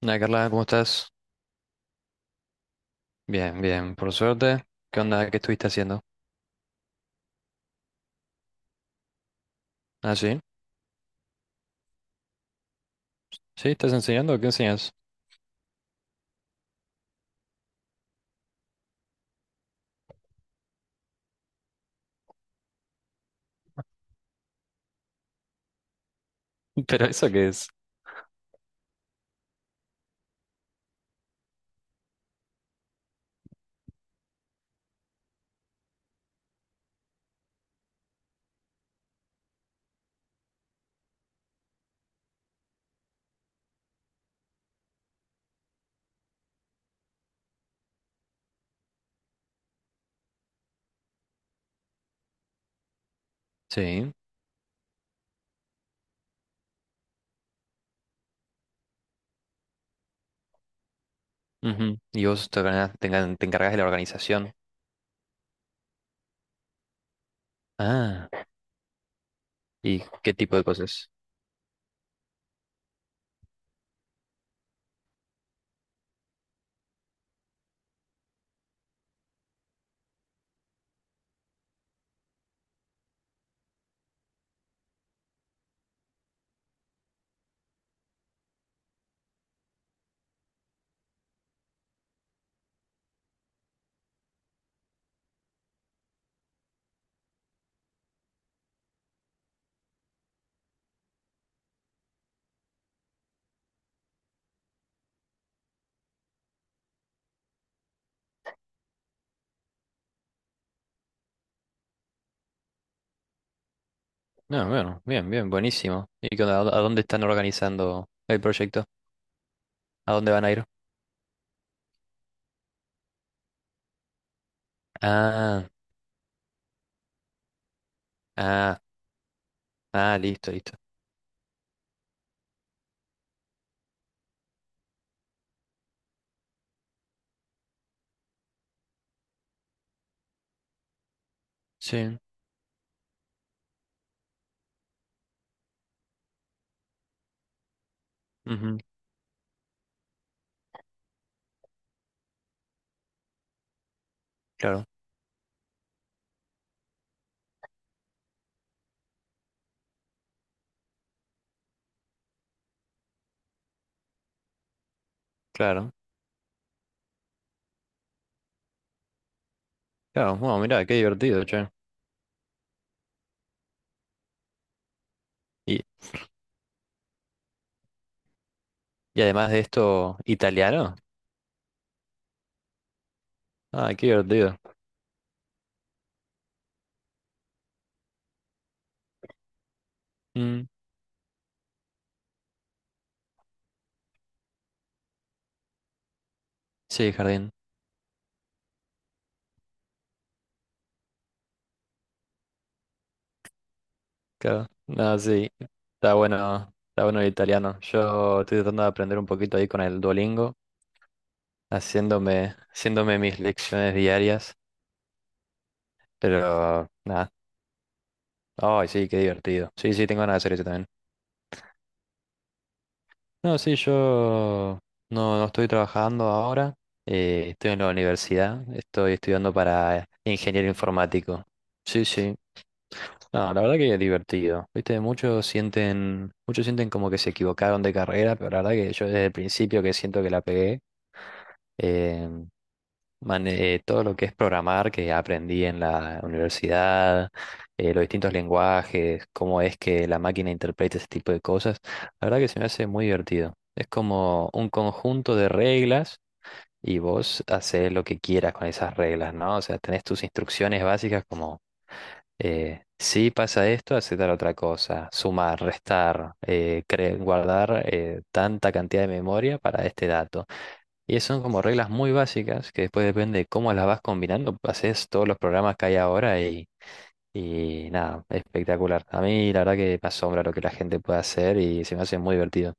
Hola Carla, ¿cómo estás? Bien, bien, por suerte. ¿Qué onda? ¿Qué estuviste haciendo? Ah, sí. ¿Sí? ¿Estás enseñando? ¿Qué enseñas? ¿Pero eso qué es? Sí, ujú. ¿Y vos te, organa- te engan- te encargas de la organización? Ah, ¿y qué tipo de cosas? Ah, bueno, bien, bien, buenísimo. ¿Y qué onda? ¿A dónde están organizando el proyecto? ¿A dónde van a ir? Ah, ah, ah, listo, listo. Sí, ujú, claro, claro. Claro, bueno, mira, qué divertido, che. Y, y además de esto, italiano. Ah, qué divertido. Mm, sí, jardín, claro. No, sí, está bueno el italiano. Yo estoy tratando de aprender un poquito ahí con el Duolingo, haciéndome, haciéndome mis lecciones diarias, pero nada. Ay, sí, qué divertido. Sí, sí, tengo ganas de hacer eso también. No, sí, yo no, no estoy trabajando ahora. Estoy en la universidad, estoy estudiando para ingeniero informático. Sí, sí. No, la verdad que es divertido. Viste, muchos sienten como que se equivocaron de carrera, pero la verdad que yo desde el principio que siento que la pegué, eh, todo lo que es programar que aprendí en la universidad, los distintos lenguajes, cómo es que la máquina interpreta ese tipo de cosas, la verdad que se me hace muy divertido. Es como un conjunto de reglas y vos haces lo que quieras con esas reglas, ¿no? O sea, tenés tus instrucciones básicas como, si pasa esto, hace tal otra cosa, sumar, restar, guardar tanta cantidad de memoria para este dato. Y son como reglas muy básicas que después depende de cómo las vas combinando, haces todos los programas que hay ahora y... Y nada, espectacular. A mí la verdad que me asombra lo que la gente puede hacer y se me hace muy divertido.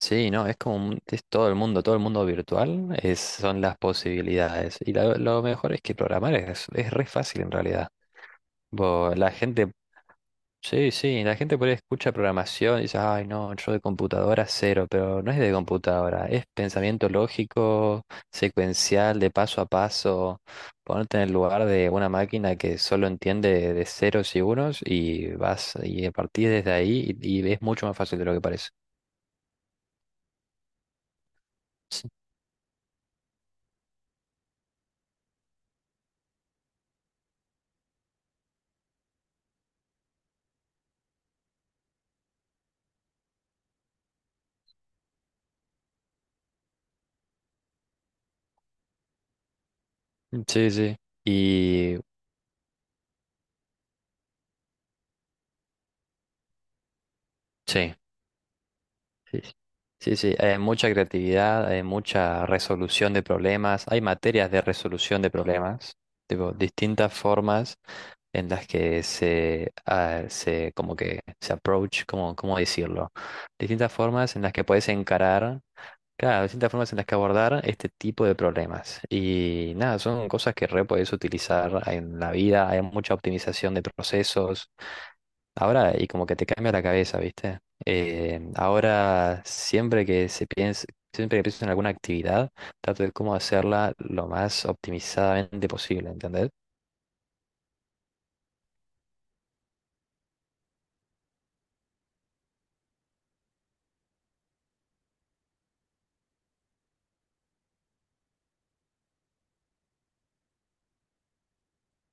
Sí, no, es todo el mundo virtual es, son las posibilidades. Y lo mejor es que programar es re fácil en realidad. La gente, sí, sí, la gente por ahí escucha programación y dice, ay, no, yo de computadora cero, pero no es de computadora, es pensamiento lógico, secuencial, de paso a paso, ponerte en el lugar de una máquina que solo entiende de ceros y unos y vas y a partir desde ahí y es mucho más fácil de lo que parece. Sí, sí, sí. Y sí, sí, sí, sí, hay mucha creatividad, hay mucha resolución de problemas, hay materias de resolución de problemas, tipo, distintas formas en las que se, se como que se approach, cómo, ¿cómo decirlo? Distintas formas en las que puedes encarar, claro, distintas formas en las que abordar este tipo de problemas. Y nada, son cosas que re puedes utilizar en la vida, hay mucha optimización de procesos. Ahora, y como que te cambia la cabeza, ¿viste? Ahora, siempre que se piense, siempre que pienso en alguna actividad, trato de cómo hacerla lo más optimizadamente posible, ¿entendés?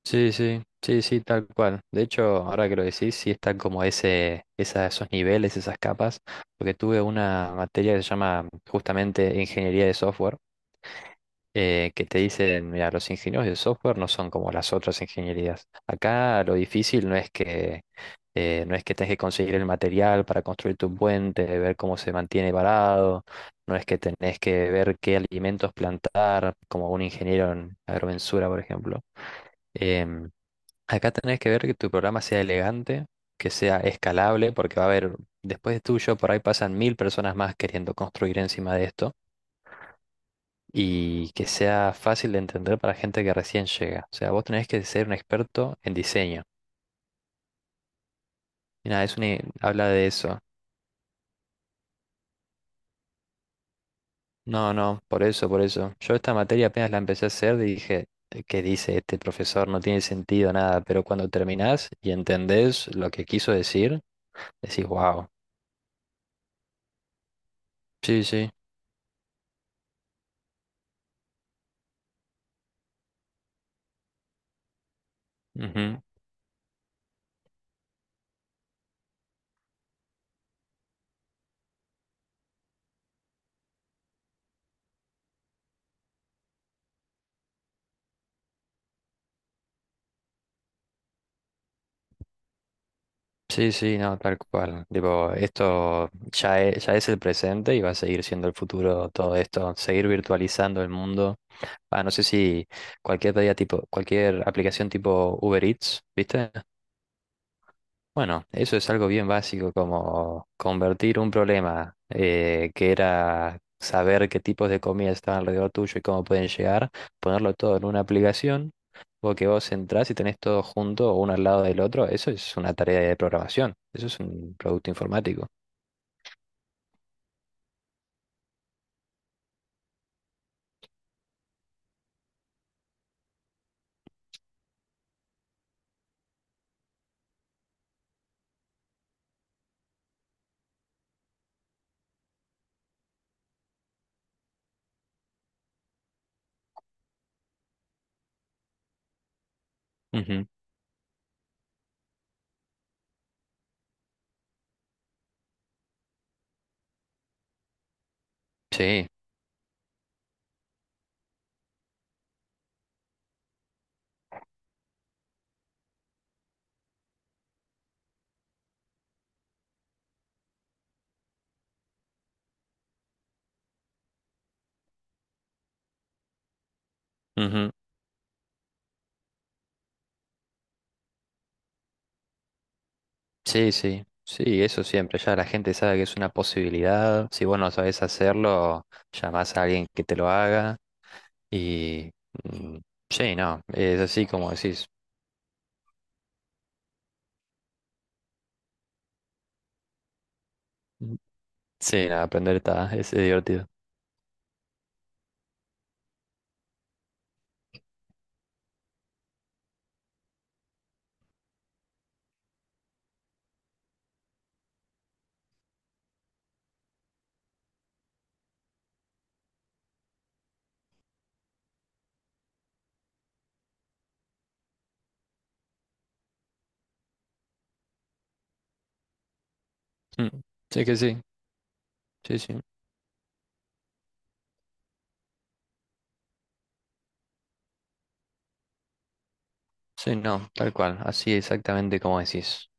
Sí, sí, sí, sí, tal cual. De hecho, ahora que lo decís, sí están como esos niveles, esas capas, porque tuve una materia que se llama justamente ingeniería de software, que te dicen, mira, los ingenieros de software no son como las otras ingenierías. Acá lo difícil no es que no es que tengas que conseguir el material para construir tu puente, ver cómo se mantiene parado, no es que tenés que ver qué alimentos plantar, como un ingeniero en agrimensura, por ejemplo. Em, Acá tenés que ver que tu programa sea elegante, que sea escalable, porque va a haber, después de tuyo, por ahí pasan mil personas más queriendo construir encima de esto y que sea fácil de entender para gente que recién llega. O sea, vos tenés que ser un experto en diseño. Y nada, es una, habla de eso. No, no, por eso, por eso. Yo esta materia apenas la empecé a hacer y dije, ¿qué dice este profesor? No tiene sentido nada", pero cuando terminás y entendés lo que quiso decir, decís, wow, sí, sí, ujú. Sí, sí, no, tal cual. Tipo, esto ya es el presente y va a seguir siendo el futuro todo esto, seguir virtualizando el mundo. Ah, no sé si cualquier pedida tipo, cualquier aplicación tipo Uber Eats, ¿viste? Bueno, eso es algo bien básico, como convertir un problema, que era saber qué tipos de comida están alrededor tuyo y cómo pueden llegar, ponerlo todo en una aplicación, o que vos entrás y tenés todo junto uno al lado del otro, eso es una tarea de programación, eso es un producto informático. Ujú. Sí, ujú. Sí, sí, sí, eso siempre, ya la gente sabe que es una posibilidad, si vos no sabés hacerlo, llamás a alguien que te lo haga. Y mm, sí, no, es así como decís. Sí, nada, aprender está, es divertido. Mm, sí que sí, sí, sí, sí, no, tal cual, así exactamente como decís.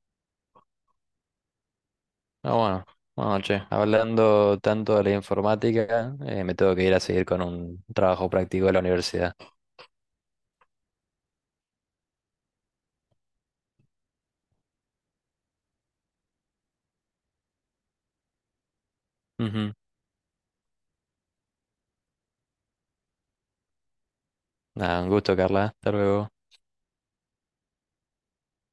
Ah, bueno, bueno, che, hablando tanto de la informática, me tengo que ir a seguir con un trabajo práctico de la universidad. Ujú. Nada, un gusto, Carla, hasta luego.